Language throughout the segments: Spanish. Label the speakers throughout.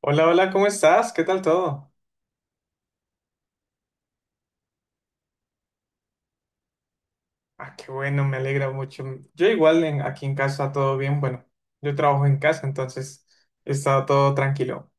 Speaker 1: Hola, hola, ¿cómo estás? ¿Qué tal todo? Ah, qué bueno, me alegra mucho. Yo igual aquí en casa todo bien. Bueno, yo trabajo en casa, entonces he estado todo tranquilo.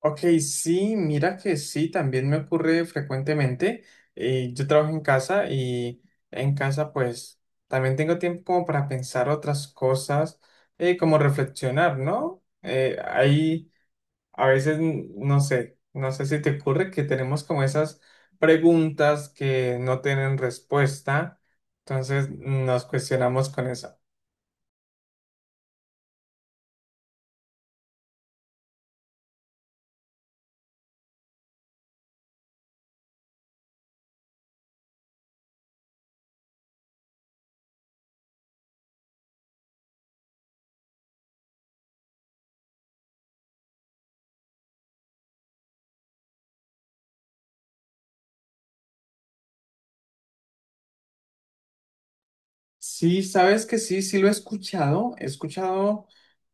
Speaker 1: Ok, sí, mira que sí, también me ocurre frecuentemente. Yo trabajo en casa y en casa pues también tengo tiempo como para pensar otras cosas, como reflexionar, ¿no? Hay a veces, no sé, no sé si te ocurre que tenemos como esas preguntas que no tienen respuesta, entonces nos cuestionamos con eso. Sí, sabes que sí, sí lo he escuchado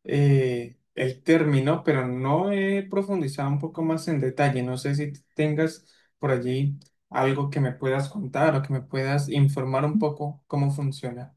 Speaker 1: el término, pero no he profundizado un poco más en detalle. No sé si tengas por allí algo que me puedas contar o que me puedas informar un poco cómo funciona.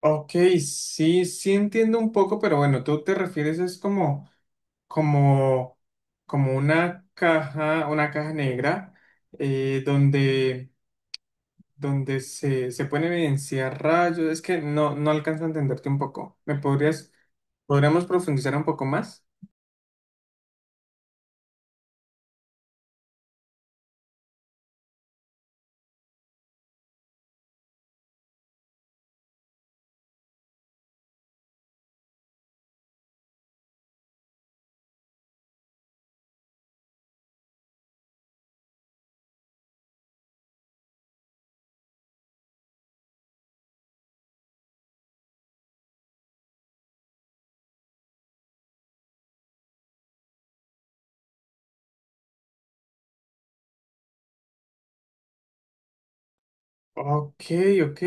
Speaker 1: Ok, sí, sí entiendo un poco, pero bueno, tú te refieres es como como, como una caja negra donde, donde se pueden evidenciar rayos. Es que no, no alcanzo a entenderte un poco. ¿Me podrías, podríamos profundizar un poco más? Ok, ok.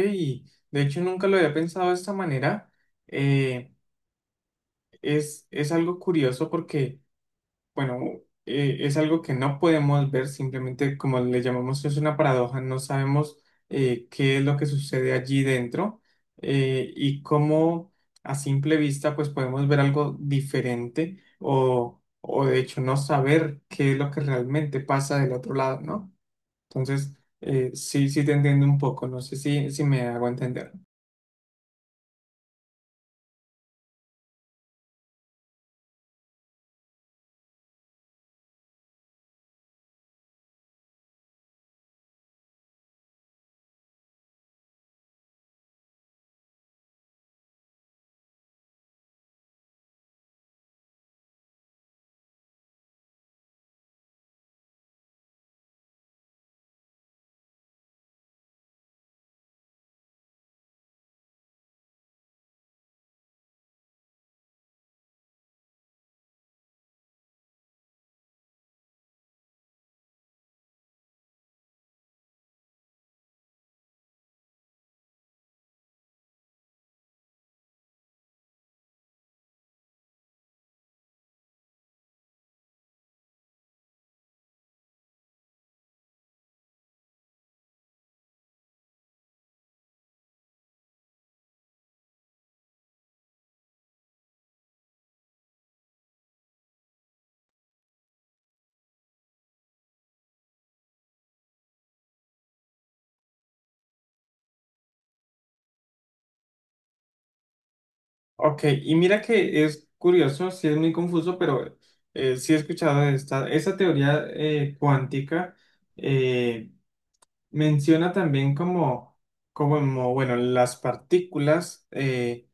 Speaker 1: De hecho, nunca lo había pensado de esta manera. Eh, es algo curioso porque bueno, es algo que no podemos ver, simplemente como le llamamos, es una paradoja, no sabemos qué es lo que sucede allí dentro, y cómo a simple vista pues podemos ver algo diferente o de hecho no saber qué es lo que realmente pasa del otro lado, ¿no? Entonces, sí, sí te entiendo un poco, no sé si, si me hago entender. Ok, y mira que es curioso, sí es muy confuso, pero sí he escuchado de esta, esa teoría cuántica, eh, menciona también como, bueno, las partículas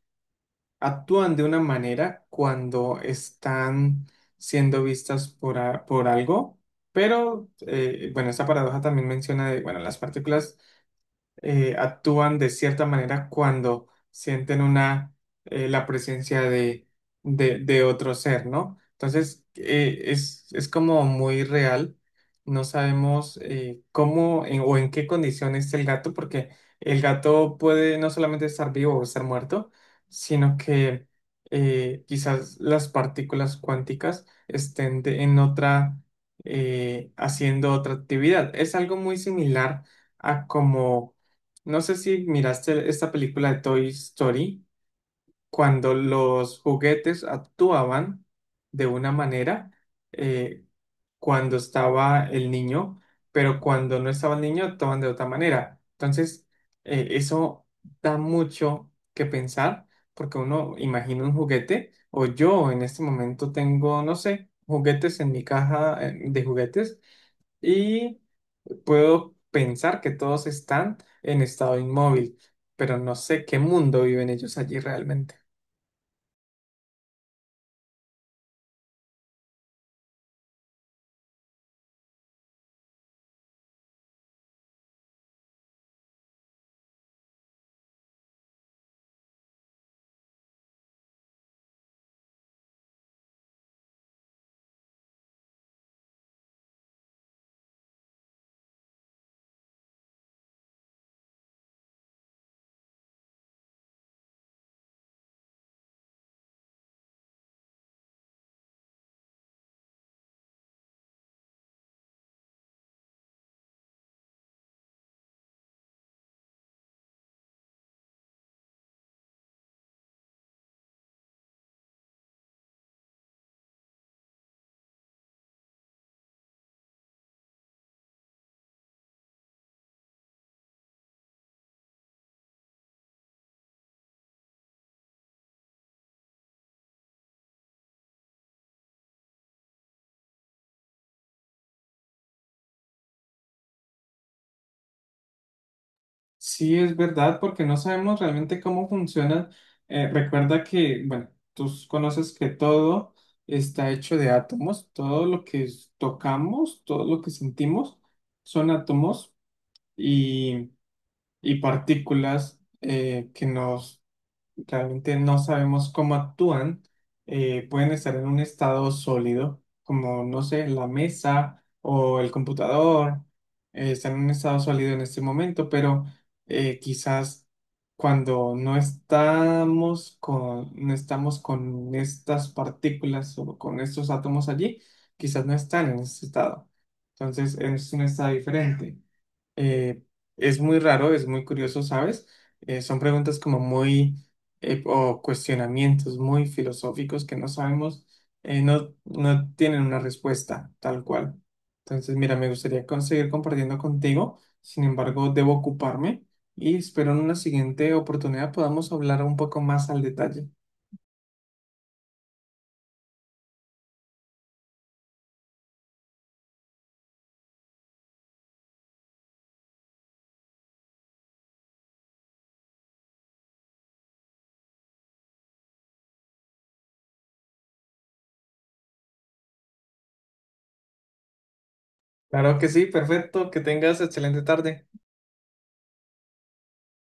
Speaker 1: actúan de una manera cuando están siendo vistas por, por algo, pero, bueno, esta paradoja también menciona de, bueno, las partículas actúan de cierta manera cuando sienten una, la presencia de otro ser, ¿no? Entonces, es como muy real. No sabemos cómo o en qué condición está el gato, porque el gato puede no solamente estar vivo o estar muerto, sino que quizás las partículas cuánticas estén en otra, haciendo otra actividad. Es algo muy similar a como no sé si miraste esta película de Toy Story, cuando los juguetes actuaban de una manera eh, cuando estaba el niño, pero cuando no estaba el niño actuaban de otra manera. Entonces, eso da mucho que pensar, porque uno imagina un juguete, o yo en este momento tengo, no sé, juguetes en mi caja de juguetes y... Puedo pensar que todos están en estado inmóvil, pero no sé qué mundo viven ellos allí realmente. Sí, es verdad, porque no sabemos realmente cómo funcionan. Recuerda que, bueno, tú conoces que todo está hecho de átomos, todo lo que tocamos, todo lo que sentimos son átomos y, y partículas que nos realmente no sabemos cómo actúan, pueden estar en un estado sólido, como, no sé, la mesa o el computador, están en un estado sólido en este momento, pero quizás cuando no estamos con, no estamos con estas partículas o con estos átomos allí, quizás no están en ese estado. Entonces es un estado diferente, eh, es muy raro, es muy curioso, ¿sabes? Son preguntas como muy, o cuestionamientos muy filosóficos que no sabemos, no, no tienen una respuesta tal cual. Entonces, mira, me gustaría seguir compartiendo contigo, sin embargo, debo ocuparme y espero en una siguiente oportunidad podamos hablar un poco más al detalle. Claro que sí, perfecto, que tengas excelente tarde.